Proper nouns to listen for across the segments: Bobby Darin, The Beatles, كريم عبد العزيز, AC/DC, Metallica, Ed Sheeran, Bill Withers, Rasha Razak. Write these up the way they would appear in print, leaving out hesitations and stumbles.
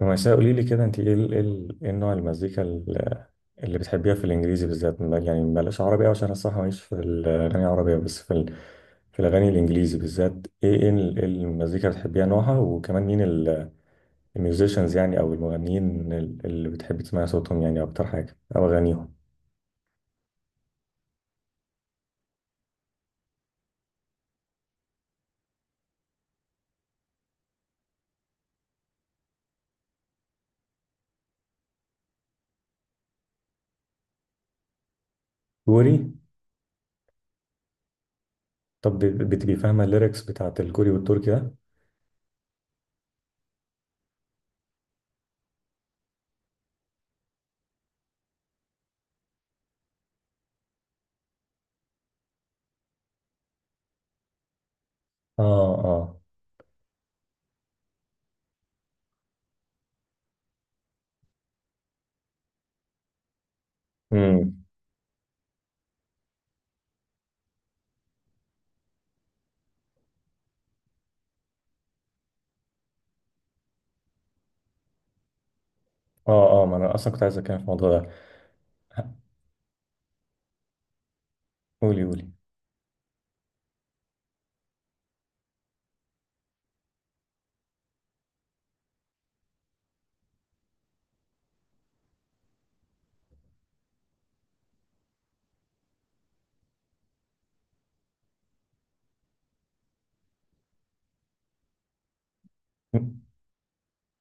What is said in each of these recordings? ومأساة قولي لي كده، انت ايه نوع المزيكا اللي بتحبيها في الانجليزي بالذات؟ يعني بلاش عربي أوي، عشان أنا الصراحه ماليش في الاغاني العربيه، بس في الاغاني الانجليزي بالذات. إيه المزيكا اللي بتحبيها؟ نوعها، وكمان مين الميوزيشنز يعني او المغنيين اللي بتحبي تسمعي صوتهم يعني اكتر حاجه او اغانيهم؟ كوري؟ طب بتبقي فاهمه الليركس بتاعت الكوري والتركي ده؟ اه اه. امم. اه اه، ما انا اصلا كنت عايز اتكلم في الموضوع ده. قولي قولي.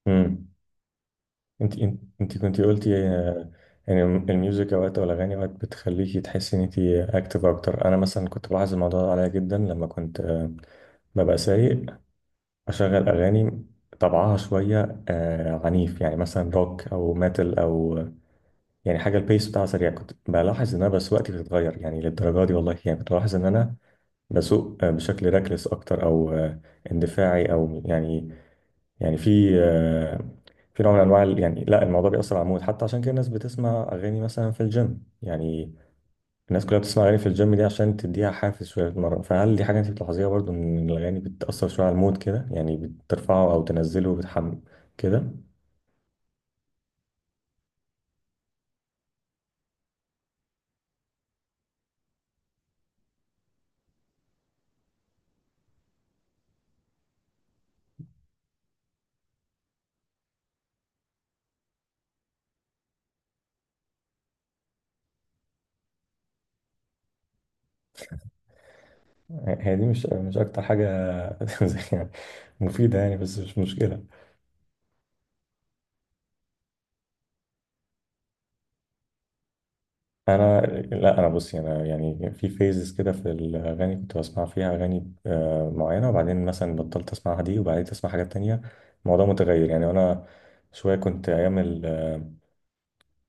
امم. انت انت انت كنت قلتي يعني الميوزك اوقات او الاغاني اوقات بتخليكي تحسي ان انت اكتف اكتر. انا مثلا كنت بلاحظ الموضوع ده عليا جدا لما كنت ببقى سايق، اشغل اغاني طبعها شويه عنيف، يعني مثلا روك او ميتال او يعني حاجه البيس بتاعها سريع، كنت بلاحظ ان انا سواقتي بتتغير يعني للدرجه دي، والله يعني كنت بلاحظ ان انا بسوق بشكل راكلس اكتر، او اندفاعي، او يعني يعني في في نوع من انواع، يعني لا الموضوع بيأثر على المود حتى، عشان كده الناس بتسمع اغاني مثلا في الجيم يعني. الناس كلها بتسمع اغاني في الجيم دي عشان تديها حافز شويه تتمرن. فهل دي حاجه انت بتلاحظيها برضو، ان الاغاني بتأثر شويه على المود كده، يعني بترفعه او تنزله بتحم كده؟ هي دي مش اكتر حاجه زي يعني مفيده يعني، بس مش مشكله. انا لا انا بصي، انا يعني في فيزز كده، في الاغاني كنت بسمع فيها اغاني معينه، وبعدين مثلا بطلت اسمعها دي وبعدين اسمع حاجات تانية، الموضوع متغير يعني. انا شويه كنت ايام ال- آه،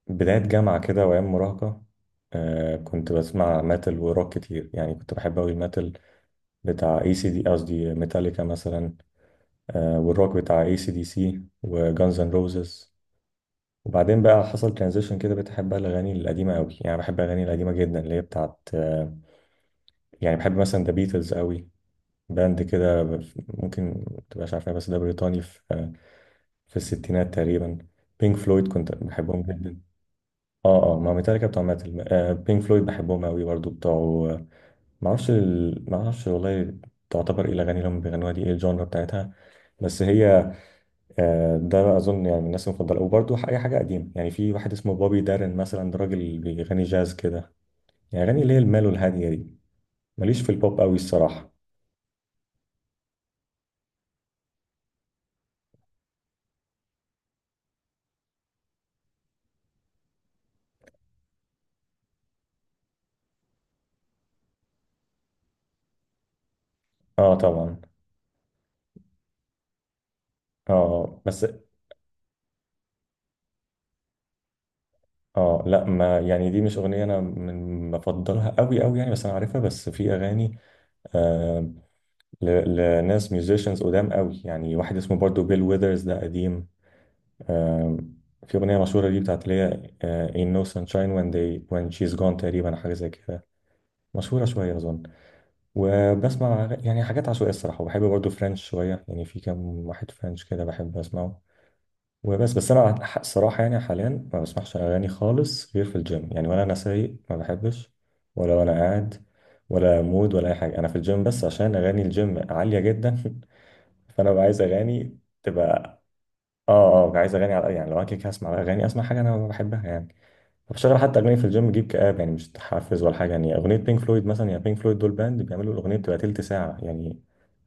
بدايه جامعه كده وايام مراهقه كنت بسمع ميتال وروك كتير، يعني كنت بحب اوي الميتال بتاع اي سي دي، قصدي ميتاليكا مثلا، والروك بتاع اي سي دي سي وجانز اند روزز. وبعدين بقى حصل ترانزيشن كده، بتحب بقى الاغاني القديمه قوي، يعني بحب الاغاني القديمه جدا اللي هي بتاعت يعني بحب مثلا ذا بيتلز قوي، باند كده، ممكن ما تبقاش عارفها، بس ده بريطاني في في الستينات تقريبا. بينك فلويد كنت بحبهم جدا. اه اه، ما ميتاليكا بتوع ماتل، آه بينك فلويد بحبهم قوي برضو، بتوع ما اعرفش والله تعتبر ايه الاغاني اللي هم بيغنوها دي؟ ايه الجانرا بتاعتها؟ بس هي آه، ده اظن يعني من الناس المفضله. وبرضو اي حاجه قديمه، يعني في واحد اسمه بوبي دارن مثلا، ده راجل بيغني جاز كده، يعني اغاني اللي هي المال والهاديه دي. ماليش في البوب قوي الصراحه. اه طبعا. اه بس. اه لا، ما يعني دي مش اغنيه انا من بفضلها قوي قوي يعني، بس انا عارفها. بس في اغاني آه ل- لناس ميوزيشنز قدام قوي، يعني واحد اسمه برضو بيل ويذرز، ده قديم آه، في اغنيه مشهوره ليه بتاعت اللي هي آه in no sunshine when they when she's gone تقريبا، حاجه زي كده، مشهوره شويه اظن. وبسمع يعني حاجات عشوائيه الصراحه. وبحب برضو فرنش شويه، يعني في كام واحد فرنش كده بحب اسمعه. بس انا ح- الصراحه يعني حاليا ما بسمعش اغاني خالص غير في الجيم يعني، ولا انا سايق ما بحبش، ولا وانا قاعد، ولا مود ولا اي حاجه، انا في الجيم بس عشان اغاني الجيم عاليه جدا فانا ببقى عايز اغاني تبقى، اه اه، عايز اغاني على يعني لو انا كده كده هسمع اغاني، اسمع حاجه انا بحبها يعني. فبشغل حتى اغاني في الجيم جيب كآب، يعني مش تحفز ولا حاجه، يعني اغنيه بينك فلويد مثلا، يا بينك فلويد دول باند بيعملوا الاغنيه بتبقى تلت ساعه يعني،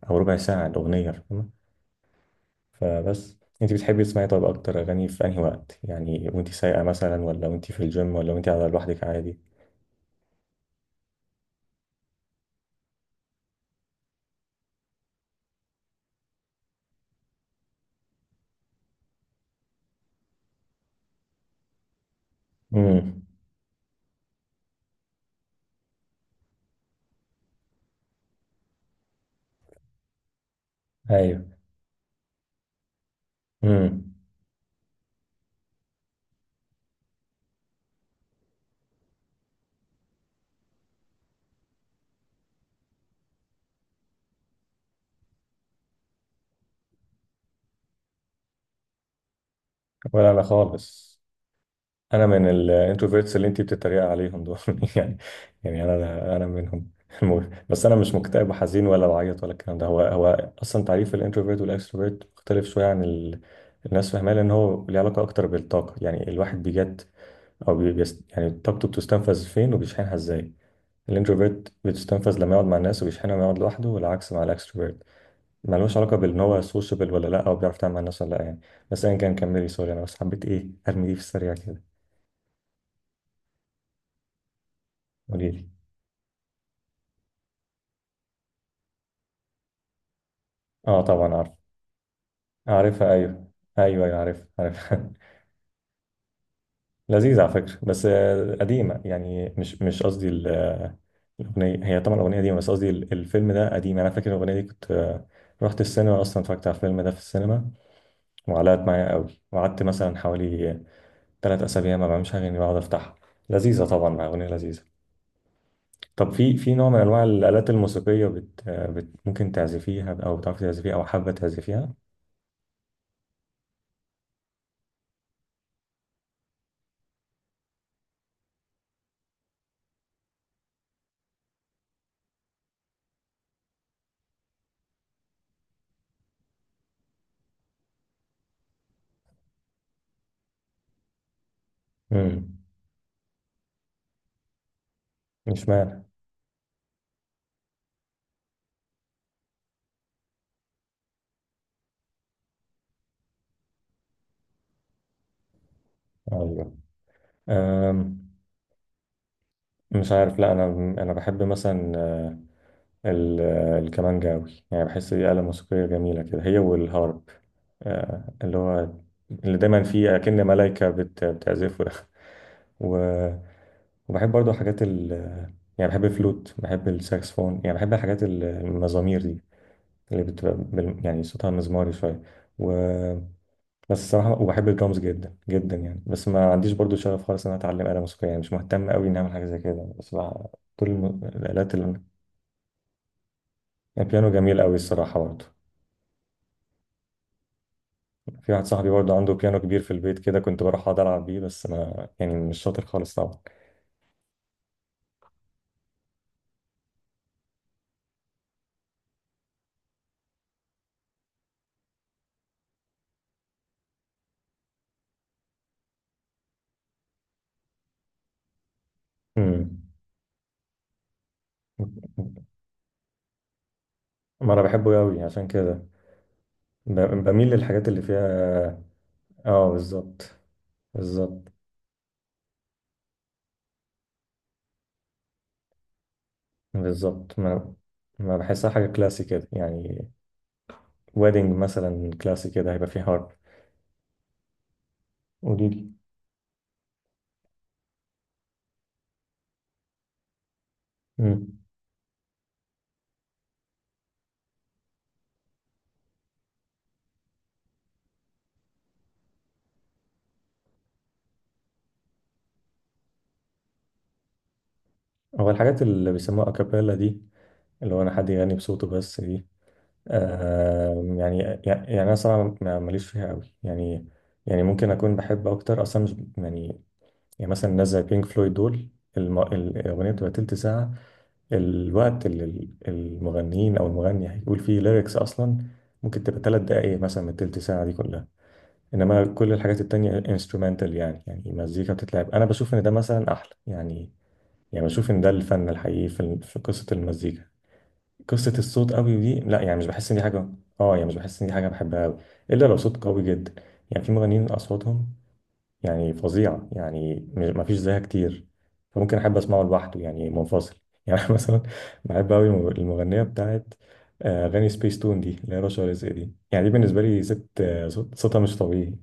او ربع ساعه الاغنيه. فبس انت بتحبي تسمعي طب اكتر اغاني في انهي وقت يعني؟ وانت سايقه مثلا، ولا وانت في الجيم، ولا وانت قاعده لوحدك عادي؟ امم. ايوه. امم. ولا انا خالص. انا من الانتروفيرتس اللي انت بتتريق عليهم دول يعني، يعني انا منهم. المهم، بس انا مش مكتئب وحزين ولا بعيط ولا الكلام ده، هو هو اصلا تعريف الانتروفيرت والاكستروفيرت مختلف شويه عن الناس فاهماه، لان هو ليه علاقه اكتر بالطاقه. يعني الواحد بيجت او يعني طاقته بتستنفذ فين وبيشحنها ازاي. الانتروفيرت بتستنفذ لما يقعد مع الناس وبيشحنها لما يقعد لوحده، والعكس مع الاكستروفيرت. ملوش علاقه بان هو سوشيبل ولا لا، او بيعرف يتعامل مع الناس ولا لا يعني. بس ايا كان، كملي، سوري انا بس حبيت ايه ارمي دي في السريع كده. قولي لي. اه طبعا عارف. عارفها ايوه. ايوه ايوه عارف عارف لذيذ على فكره، بس قديمه يعني، مش قصدي الاغنيه، هي طبعا الاغنيه قديمه، بس قصدي ال- الفيلم ده قديم. انا فاكر الاغنيه دي كنت رحت السينما اصلا، اتفرجت على الفيلم ده في السينما وعلقت معايا قوي، وقعدت مثلا حوالي 3 اسابيع ما بعملش اغاني بقعد افتحها. لذيذه طبعا، مع اغنيه لذيذه. طب في في نوع من انواع الالات الموسيقيه ممكن تعزفيها او بتعرفي تعزفيها او حابه تعزفيها؟ امم. مش معنى. ايوه. أم... مش عارف. لا انا بحب مثلا ال... الكمانجا قوي، يعني بحس دي آلة موسيقيه جميله كده، هي والهارب، اللي هو اللي دايما فيه اكن ملايكه بتعزفه ده، و... وبحب برضو حاجات ال يعني، بحب الفلوت، بحب الساكسفون، يعني بحب الحاجات المزامير دي اللي بتبقى يعني صوتها مزماري شوية، و بس الصراحة، وبحب الدرامز جدا جدا يعني. بس ما عنديش برضو شغف خالص إن أنا أتعلم آلة موسيقية، يعني مش مهتم أوي إني أعمل حاجة زي كده، بس بقى كل الآلات ال-. البيانو جميل أوي الصراحة برضو، في واحد صاحبي برضو عنده بيانو كبير في البيت كده، كنت بروح أقعد ألعب بيه، بس ما يعني مش شاطر خالص طبعا. أمم. ما أنا بحبه أوي عشان كده، بميل للحاجات اللي فيها. اه بالظبط. بالظبط. بالظبط، ما ما بحسها حاجة كلاسي كده يعني. ويدنج مثلا كلاسي كده هيبقى فيه هارب. قولي لي. مم. هو الحاجات اللي بيسموها أكابيلا دي، اللي هو أنا حد يغني بصوته بس دي؟ آه يعني، يعني أنا صراحة ما- ماليش فيها قوي يعني، يعني ممكن أكون بحب أكتر أصلا مش يعني، يعني مثلا ناس زي بينك فلويد دول، الأغنية بتبقى تلت ساعة، الوقت اللي المغنيين او المغني هيقول فيه ليركس اصلا ممكن تبقى 3 دقائق مثلا من التلت ساعه دي كلها، انما كل الحاجات التانية انسترومنتال يعني، يعني مزيكا بتتلعب. انا بشوف ان ده مثلا احلى يعني، يعني بشوف ان ده الفن الحقيقي في في قصه المزيكا. قصه الصوت قوي دي لا يعني مش بحس ان دي حاجه، اه يعني مش بحس ان دي حاجه بحبها قوي، الا لو صوت قوي جدا. يعني في مغنيين اصواتهم يعني فظيعة يعني، مفيش زيها كتير، فممكن أحب أسمعه لوحده يعني منفصل يعني. أنا مثلا بحب أوي المغنية بتاعت أغاني سبيس تون دي اللي هي رشا رزق دي، يعني دي بالنسبة لي ست صوتها مش طبيعي.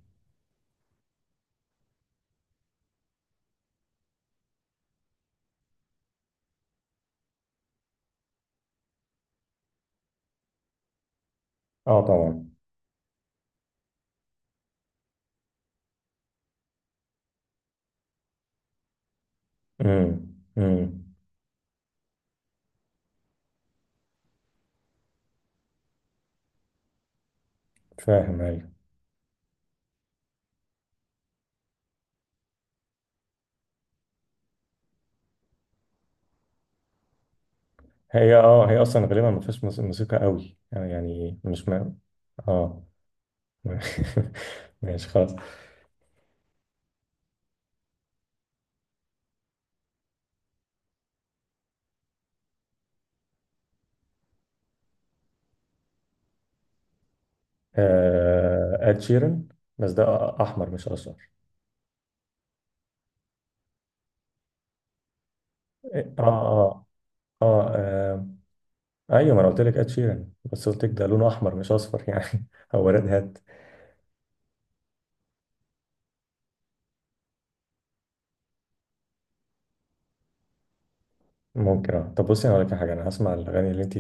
اه طبعا. امم. امم. فاهم ايوه. هي اه هي اصلا غالبا ما فيهاش موسيقى قوي يعني، يعني مش ما. اه ماشي خلاص. آه اد شيرن، بس ده احمر مش اشقر. اه اه. اه, آه. ايوه ما انا قلت لك اد شيران، بس قلت لك ده لونه احمر مش اصفر يعني هو ريد هات. ممكن اه. طب بصي انا هقول لك على حاجه، انا هسمع الاغاني اللي انت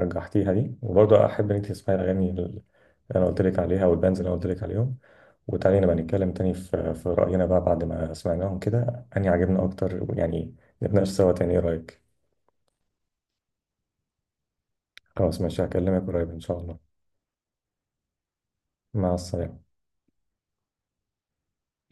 رجحتيها دي، وبرضه احب ان انت تسمعي الاغاني اللي انا قلت لك عليها والبانز اللي انا قلت لك عليهم، وتعالي نبقى نتكلم تاني في راينا بقى بعد ما سمعناهم كده، اني عجبنا اكتر يعني، نتناقش سوا تاني، ايه رايك؟ خلاص ماشي، هكلمك قريب ان شاء الله. مع السلامه.